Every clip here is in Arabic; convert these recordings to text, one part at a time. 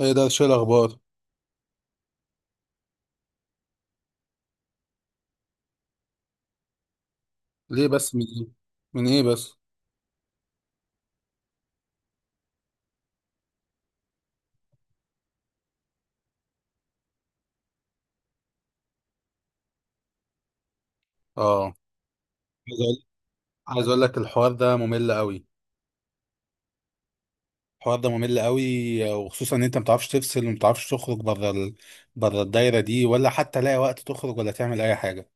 ايه ده؟ شو الاخبار؟ ليه بس من ايه؟ من ايه بس؟ اه. عايز اقول عايز اقول لك الحوار ده ممل قوي. الحوار ده ممل قوي، وخصوصا ان انت ما بتعرفش تفصل وما بتعرفش تخرج بره بره الدايره دي، ولا حتى لاقي وقت تخرج ولا تعمل اي حاجه.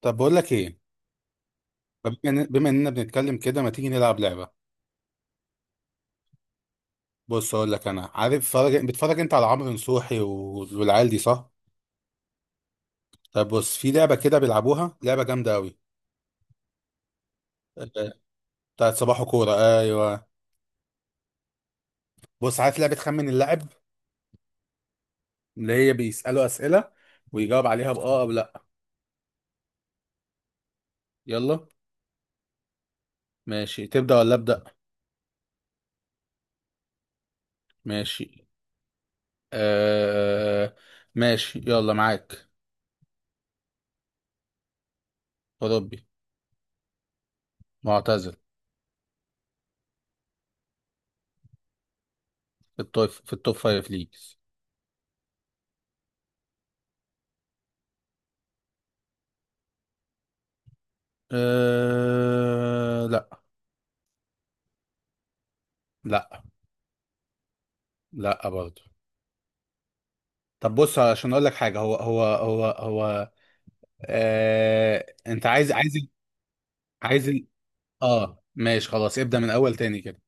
طب بقول لك ايه؟ بما اننا بنتكلم كده، ما تيجي نلعب لعبه؟ بص اقول لك، انا عارف بتفرج انت على عمرو نصوحي والعيال دي، صح؟ طب بص، في لعبه كده بيلعبوها، لعبه جامده قوي. آه، بتاعت صباحو كوره. ايوه. بص، عارف لعبه خمن اللاعب؟ اللي هي بيسألوا أسئلة ويجاوب عليها بآه أو لأ. يلا. ماشي، تبدأ ولا أبدأ؟ ماشي، آه... ماشي يلا معاك. أوروبي. معتزل. في التوب فايف ليجز. لأ. لأ. لأ برضه. طب بص، عشان أقول لك حاجة، هو. أنت عايز عايز ال... آه ماشي، خلاص ابدأ من أول تاني كده.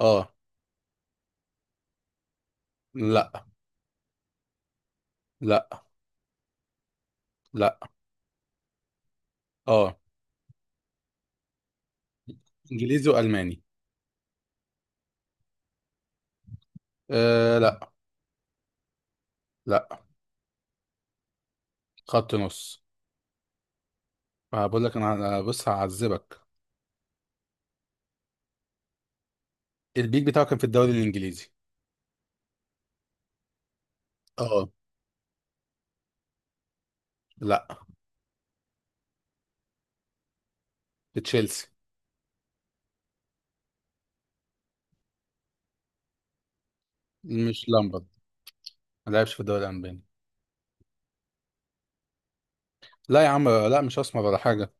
آه. لأ. لأ. لأ آه. إنجليزي وألماني. آه. لأ. لا. خط نص. آه، بقول لك أنا بص هعذبك. البيك بتاعه كان في الدوري الانجليزي. اه. لا. في تشيلسي. مش لامبرد. ما لعبش في الدوري الالماني. لا يا عم، لا، مش اسمر ولا حاجه.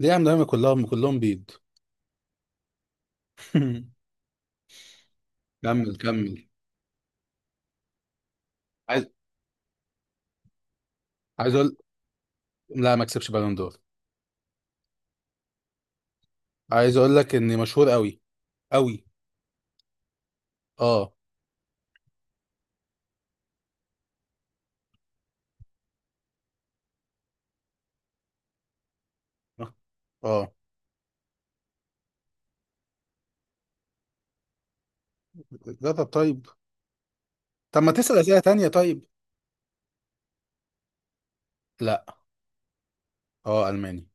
ليه يا عم؟ دايما كلهم كلهم بيض. كمل كمل. عايز عايز اقول، لا ما كسبش بالون دور. عايز اقول لك اني مشهور قوي قوي. اه. اه. جرب طيب. طب ما تسال اسئله تانية طيب؟ لا. اه، الماني.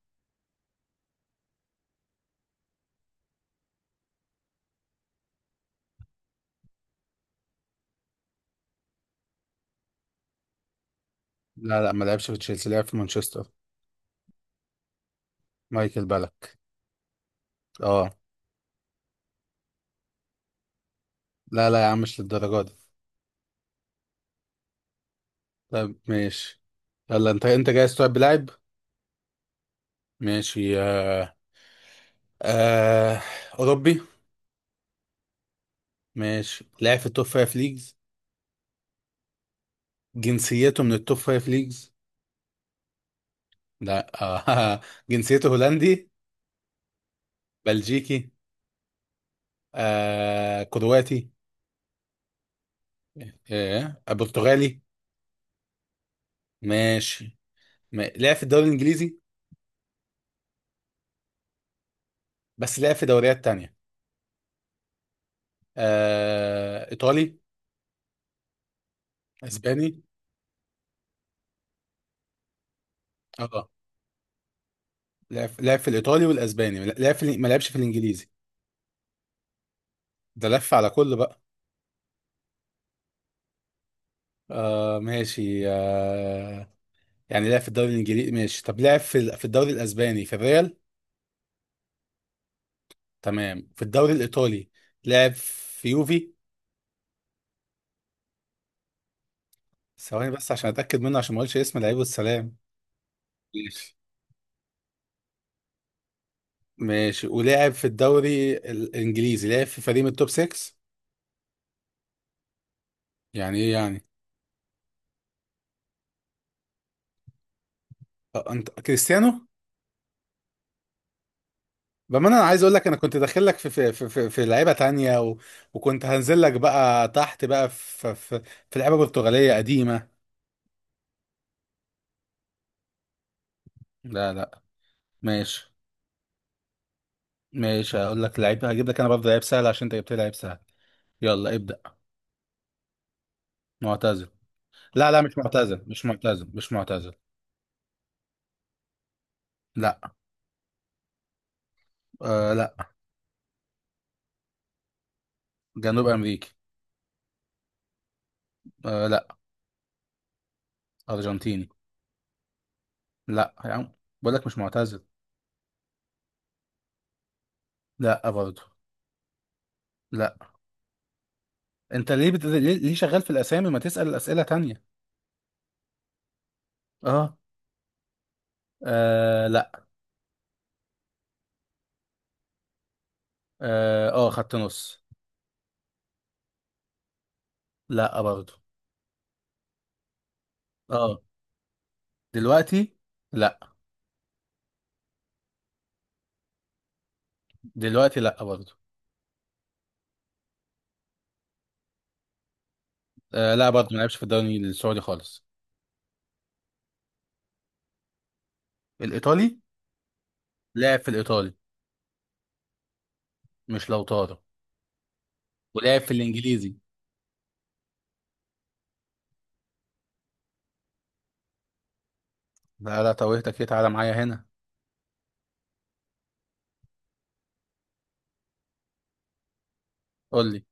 لا لا، ما لعبش في تشيلسي، لعب في مانشستر. مايكل بالك. اه. لا لا يا عم، مش للدرجة دي. طيب ماشي، يلا انت جاهز تلعب بلاعب؟ ماشي. آه. اوروبي. ماشي، لاعب في التوب فايف ليجز. جنسيته من التوب فايف ليجز؟ لا. جنسيته هولندي. بلجيكي. كرواتي. برتغالي. ماشي، لعب في الدوري الانجليزي، بس لعب في دوريات تانية. ايطالي. اسباني. اه، لعب في الايطالي والاسباني. لعب في ما لعبش في الانجليزي. ده لف على كل بقى. ماشي، يعني لعب في الدوري الانجليزي، ماشي. طب لعب في الدوري الاسباني، في الريال. تمام، في الدوري الايطالي لعب في يوفي. ثواني بس، عشان اتاكد منه، عشان ما اقولش اسم لعيب والسلام. ماشي. ماشي، ولعب في الدوري الانجليزي لعب في فريق من التوب 6. يعني ايه يعني؟ انت كريستيانو؟ بما انا عايز اقول لك، انا كنت داخل لك في, لعيبه تانية، وكنت هنزل لك بقى تحت بقى في لعيبه برتغاليه قديمه. لا لا، ماشي. ماشي، هقول لك لعيب، هجيب لك انا برضه لعيب سهل عشان انت جبت لي لعيب سهل. يلا ابدأ. معتزل. لا لا، مش معتزل مش معتزل مش معتزل. لا. آه لا. جنوب امريكي. آه لا. ارجنتيني. لا يا عم، بقول لك مش معتزل. لا برضه. لا. انت ليه بت... ليه ليه شغال في الاسامي؟ ما تسأل اسئلة تانية. اه. آه لا. اه، خط نص. لا برضه. اه. دلوقتي. لا. دلوقتي لا برضه. لا برضه، ما لعبش في الدوري السعودي خالص. الايطالي. لعب في الايطالي. مش لو طارق. ولعب في الانجليزي. لا لا، توهتك ايه؟ تعالى معايا هنا. قول لي.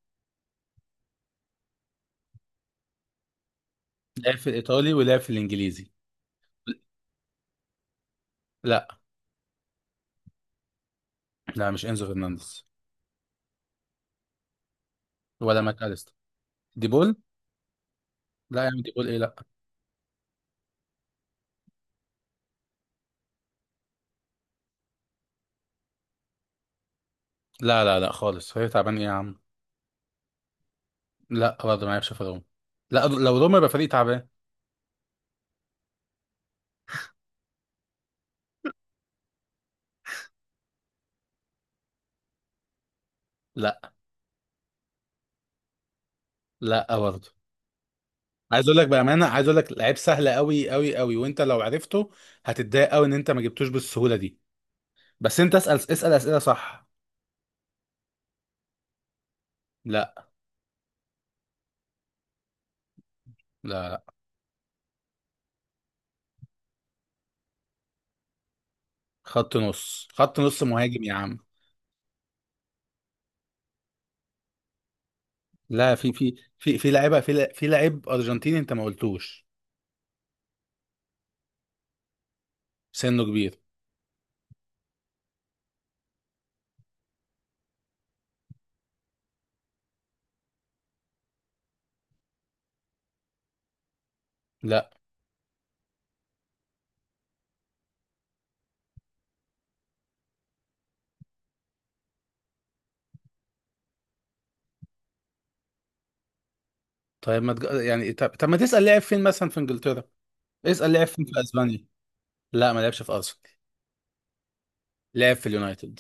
لعب في الايطالي ولعب في الانجليزي. لا لا، مش انزو فرنانديز. ولا ماكاليستر. دي بول. لا يا عم، دي بول ايه؟ لا. لا لا لا خالص، هي تعبان ايه يا عم؟ لا برضه، ما يعرفش في روما. لا، لو روما يبقى فريق تعبان. لا. لا برضه. عايز اقول لك بامانه، عايز اقول لك لعيب سهل قوي قوي قوي، وانت لو عرفته هتتضايق قوي ان انت ما جبتوش بالسهوله دي. بس انت اسال اسئله صح. لا. لا، خط نص، خط نص، مهاجم يا عم. لا، في لعيبه، في لعيب ارجنتيني انت ما قلتوش. سنه كبير. لا. طيب ما تج... يعني، طب ما تسال لعب فين مثلا في انجلترا؟ اسال لعب فين في اسبانيا. لا، ما لعبش في ارسنال. لعب في اليونايتد.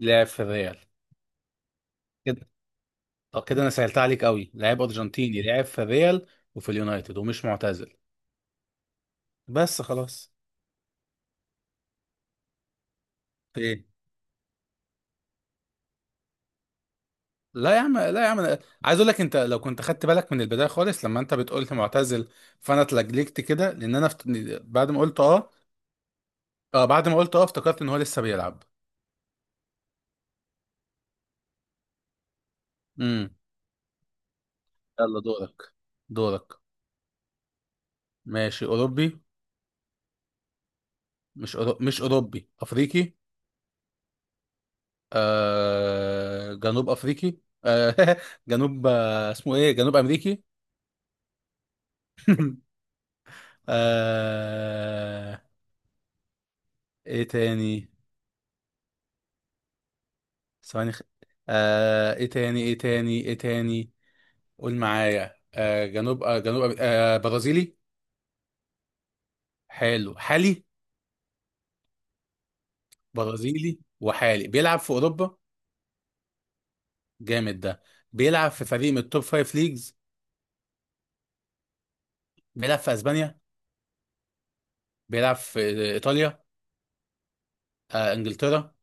لعب في الريال. كده. طب كده انا سهلت عليك قوي، لعيب ارجنتيني لعب في الريال وفي اليونايتد ومش معتزل. بس خلاص. ايه. لا يا عم، لا يا عم، أنا عايز اقول لك، انت لو كنت خدت بالك من البدايه خالص لما انت بتقول لي معتزل، فانا اتلجلجت كده لان انا. بعد ما قلت اه. اه، بعد ما قلت اه افتكرت ان هو لسه بيلعب. امم. يلا دورك، دورك. ماشي، اوروبي. مش اوروبي، افريقي. جنوب افريقي. آه... جنوب، اسمه ايه، جنوب امريكي؟ آه... ايه تاني؟ ثواني. ايه تاني ايه تاني ايه تاني؟ قول معايا، جنوب، جنوب أمريكي. برازيلي. حلو، حالي. برازيلي وحالي، بيلعب في اوروبا. جامد ده. بيلعب في فريق من التوب فايف ليجز. بيلعب في اسبانيا. بيلعب في ايطاليا. انجلترا.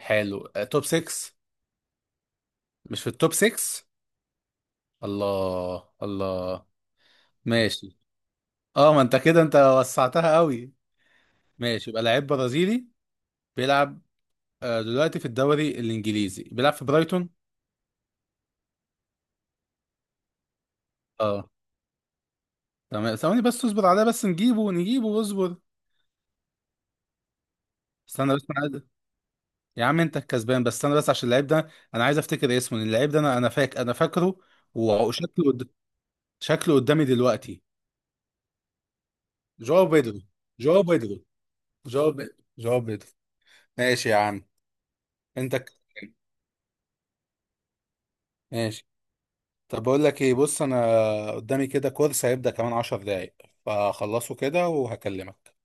حلو، توب 6. مش في التوب 6؟ الله الله. ماشي. اه، ما انت كده انت وسعتها قوي. ماشي، يبقى لعيب برازيلي بيلعب دلوقتي في الدوري الانجليزي، بيلعب في برايتون. اه تمام. ثواني بس، اصبر عليه بس، نجيبه نجيبه اصبر. استنى بس، أنا. يا عم انت الكسبان، بس استنى بس عشان اللعيب ده. انا عايز افتكر اسمه لأن اللعيب ده، انا فاكره. وشكله. شكله قدامي دلوقتي. جواو بيدرو. جواو بيدرو. جواو بيدرو جواو بيدرو. ماشي يا عم. انت. ماشي. طب بقول لك ايه؟ بص انا قدامي كده، كورس هيبدأ كمان 10 دقايق، فخلصه كده وهكلمك.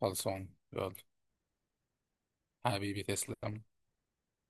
خلصان يلا. حبيبي تسلم.